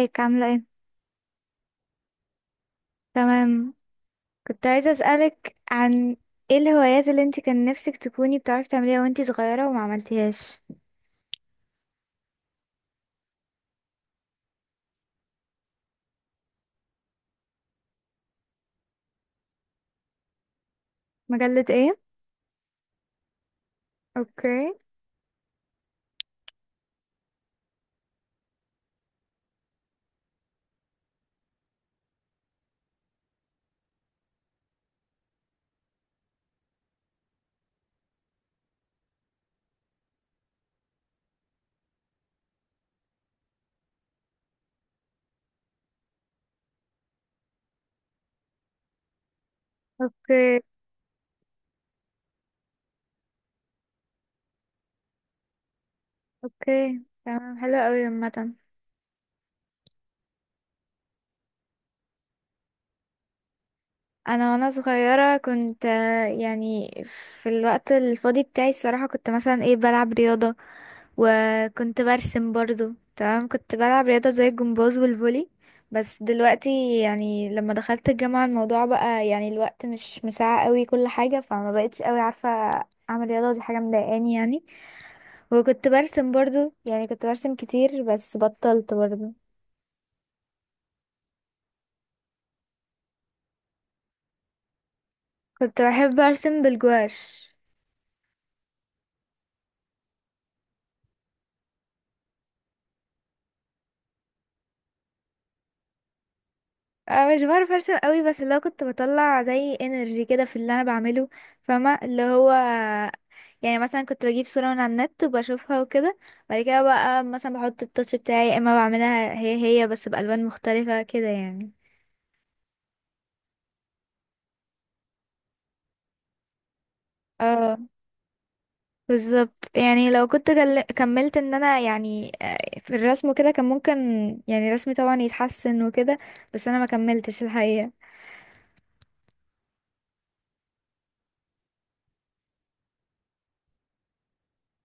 ازيك، عاملة ايه؟ تمام. كنت عايزة اسألك عن ايه الهوايات اللي انت كان نفسك تكوني بتعرفي تعمليها وانت صغيرة وما عملتيهاش. مجلة ايه؟ اوكي. اوكي. اوكي، تمام، حلو قوي. عامة انا وانا صغيرة كنت، يعني في الوقت الفاضي بتاعي الصراحة، كنت مثلا ايه بلعب رياضة، وكنت برسم برضو. تمام، كنت بلعب رياضة زي الجمباز والفولي، بس دلوقتي يعني لما دخلت الجامعة الموضوع بقى يعني الوقت مش مساعة قوي كل حاجة، فما بقتش قوي عارفة اعمل رياضة. دي حاجة مضايقاني يعني. وكنت برسم برضو، يعني كنت برسم كتير بس بطلت برضو. كنت بحب ارسم بالجواش. أه مش بعرف ارسم قوي، بس اللي هو كنت بطلع زي انرجي كده في اللي انا بعمله، فاهمة؟ اللي هو يعني مثلا كنت بجيب صورة من على النت وبشوفها وكده، بعد كده بقى مثلا بحط التاتش بتاعي، يا اما بعملها هي هي بس بألوان مختلفة كده يعني. اه بالظبط، يعني لو كنت كملت ان انا يعني، في الرسم كده كان ممكن يعني رسمي طبعا يتحسن وكده، بس انا ما كملتش الحقيقة.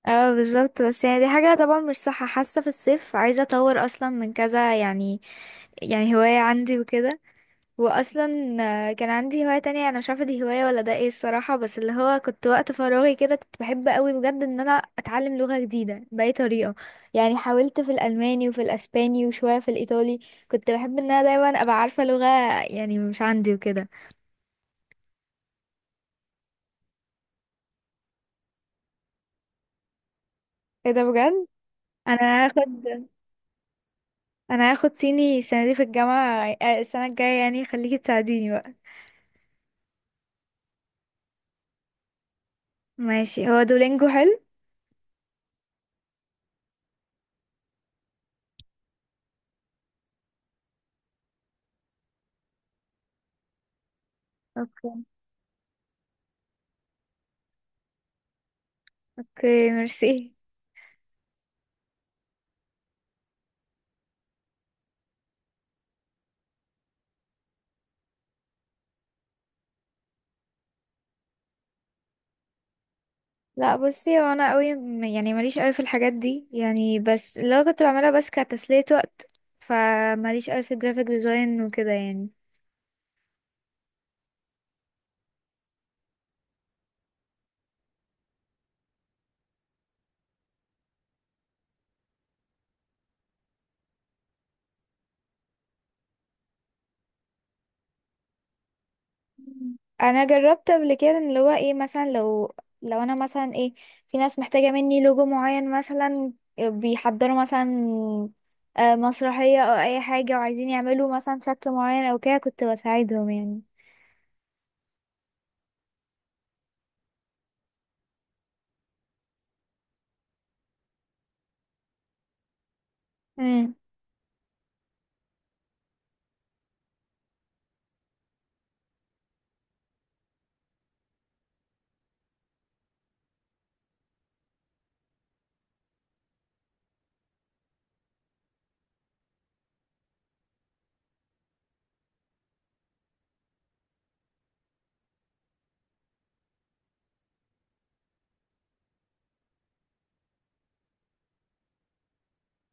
اه بالظبط. بس يعني دي حاجة طبعا مش صح، حاسة في الصيف عايزة اطور اصلا من كذا، يعني هواية عندي وكده. واصلا، كان عندي هواية تانية انا مش عارفة دي هواية ولا ده ايه الصراحة، بس اللي هو كنت وقت فراغي كده كنت بحب قوي بجد ان انا اتعلم لغة جديدة بأي طريقة. يعني حاولت في الالماني وفي الاسباني وشوية في الايطالي. كنت بحب ان انا دايما ابقى عارفة لغة يعني، مش عندي وكده. ايه ده بجد؟ انا هاخد انا هاخد صيني السنة دي في الجامعة، السنة الجاية يعني خليكي تساعديني بقى. ماشي، هو دولينجو حلو؟ اوكي، ميرسي. لا بصي، هو انا قوي يعني ماليش قوي في الحاجات دي يعني، بس لو كنت بعملها بس كتسلية وقت. فماليش قوي في الجرافيك ديزاين وكده يعني. مم. انا جربت قبل كده ان اللي هو ايه، مثلا لو انا مثلا ايه، في ناس محتاجة مني لوجو معين مثلا، بيحضروا مثلا مسرحية او اي حاجة وعايزين يعملوا مثلا شكل معين او كده، كنت بساعدهم يعني.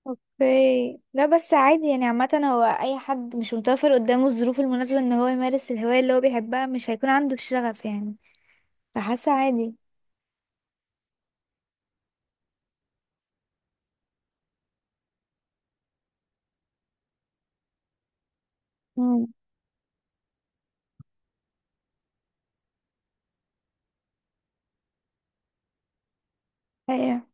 اوكي. لا بس عادي يعني، عامة هو اي حد مش متوفر قدامه الظروف المناسبة ان هو يمارس الهواية اللي هو بيحبها مش هيكون عنده الشغف يعني، فحاسة عادي. امم. ايوه.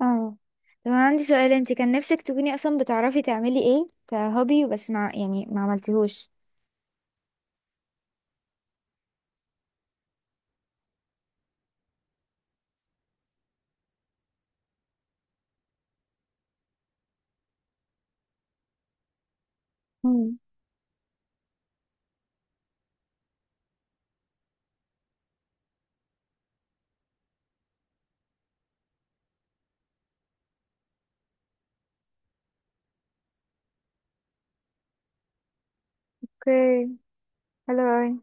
اه. طب انا عندي سؤال، انت كان نفسك تكوني اصلا بتعرفي تعملي ايه كهوبي بس مع يعني ما عملتيهوش؟ مم. اوكي، حلو اوي.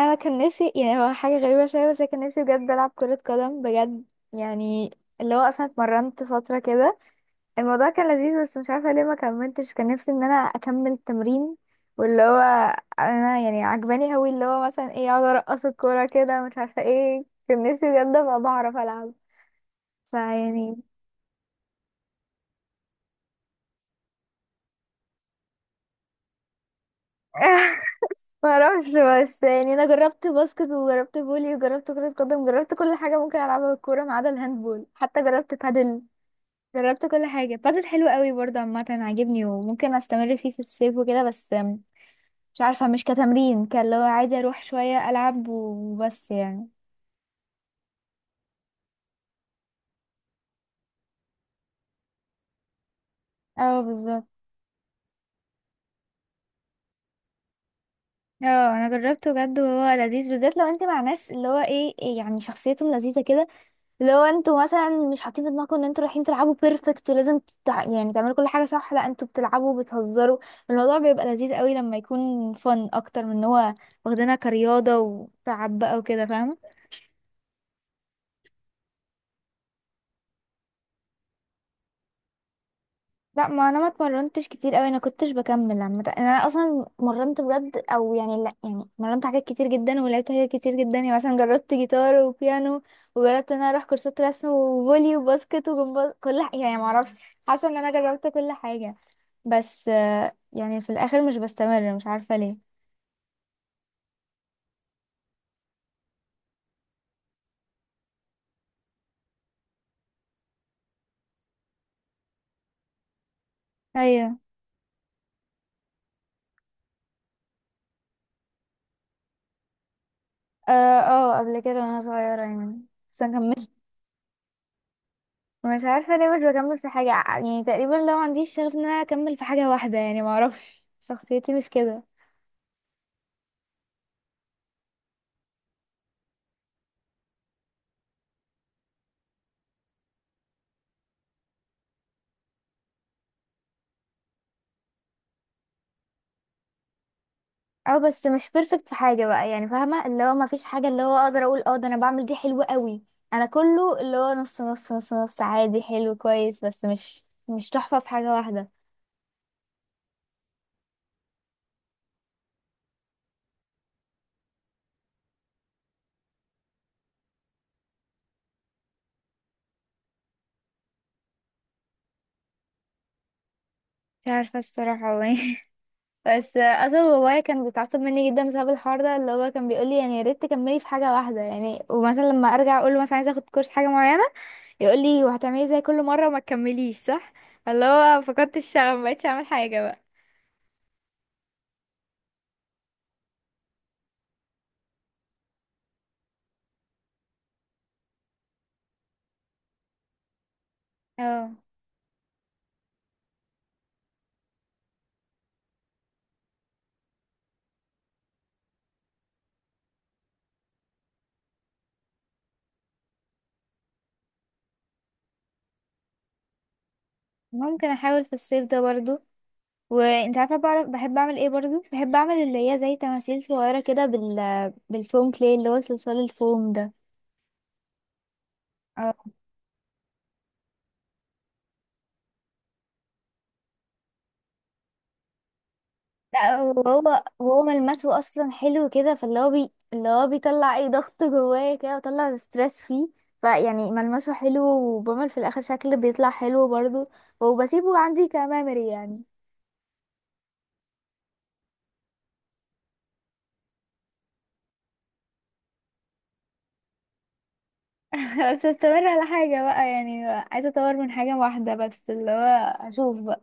انا كان نفسي يعني، هو حاجه غريبه شويه بس أنا كان نفسي بجد العب كره قدم بجد يعني، اللي هو اصلا اتمرنت فتره كده، الموضوع كان لذيذ بس مش عارفة ليه ما كملتش. كان نفسي ان انا اكمل التمرين. واللي هو، انا يعني عجباني هوي اللي هو مثلا ايه اقعد ارقص الكورة كده، مش عارفة ايه، كان نفسي بجد ابقى بعرف العب فيعني. ما اعرفش، بس يعني انا جربت باسكت وجربت فولي وجربت كرة قدم، جربت كل حاجة ممكن العبها بالكورة ما عدا الهاندبول، حتى جربت بادل. جربت كل حاجة. بادل حلو قوي برضه، عامة عاجبني وممكن استمر فيه في الصيف وكده، بس مش عارفة مش كتمرين كان، لو عادي اروح شوية العب وبس يعني. اه بالظبط. اه انا جربته بجد وهو لذيذ، بالذات لو انت مع ناس اللي هو ايه، يعني شخصيتهم لذيذه كده، اللي هو انتوا مثلا مش حاطين في دماغكم ان انتوا رايحين تلعبوا بيرفكت ولازم يعني تعملوا كل حاجه صح، لا انتوا بتلعبوا وبتهزروا. الموضوع بيبقى لذيذ قوي لما يكون فن اكتر من ان هو واخدينها كرياضه وتعب بقى وكده، فاهمه؟ لا ما انا ما اتمرنتش كتير قوي، انا كنتش بكمل عامه يعني، انا اصلا مرنت بجد او يعني لا يعني مرنت حاجات كتير جدا ولعبت حاجات كتير جدا، يعني مثلا جربت جيتار وبيانو، وجربت ان انا اروح كورسات رسم وفولي وباسكت وجمباز، كل حاجه يعني ما اعرفش. حاسه ان انا جربت كل حاجه، بس يعني في الاخر مش بستمر مش عارفه ليه. ايوه. اه، قبل كده وانا صغيره يعني، بس انا كملت. مش عارفه ليه مش بكمل في حاجه يعني، تقريبا لو عنديش شغف ان انا اكمل في حاجه واحده يعني، ما اعرفش شخصيتي مش كده. اه بس مش بيرفكت في حاجه بقى يعني، فاهمه؟ اللي هو ما فيش حاجه اللي هو اقدر اقول اه ده انا بعمل دي حلوه قوي. انا كله اللي هو نص نص نص نص عادي حلو كويس، بس مش تحفه في حاجه واحده. مش عارفه الصراحه هو ايه. بس اصلا بابايا كان بيتعصب مني جدا بسبب الحوار ده، اللي هو كان بيقول لي يعني يا ريت تكملي في حاجه واحده يعني، ومثلا لما ارجع اقول له مثلا عايزه اخد كورس حاجه معينه، يقول لي وهتعملي زي كل مره وما تكمليش صح، اللي هو فقدت الشغف ما بقتش اعمل حاجه بقى. اه، ممكن احاول في الصيف ده برضو. وانت عارفه بعرف بحب اعمل ايه برضو؟ بحب اعمل اللي هي زي تماثيل صغيره كده بالفوم، كلي اللي هو صلصال الفوم ده. اه. لا وهو ملمسه اصلا حلو كده، فاللي هو اللي هو بيطلع اي ضغط جوايا كده، وطلع ستريس فيه، فيعني ملمسه حلو وبعمل في الاخر شكل بيطلع حلو برضو، وبسيبه عندي كميموري يعني. بس استمر على حاجة بقى يعني، عايزة اطور من حاجة واحدة بس اللي هو اشوف بقى.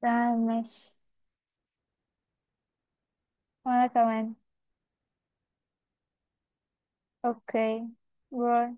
تمام، ماشي. وانا كمان. اوكي. باي.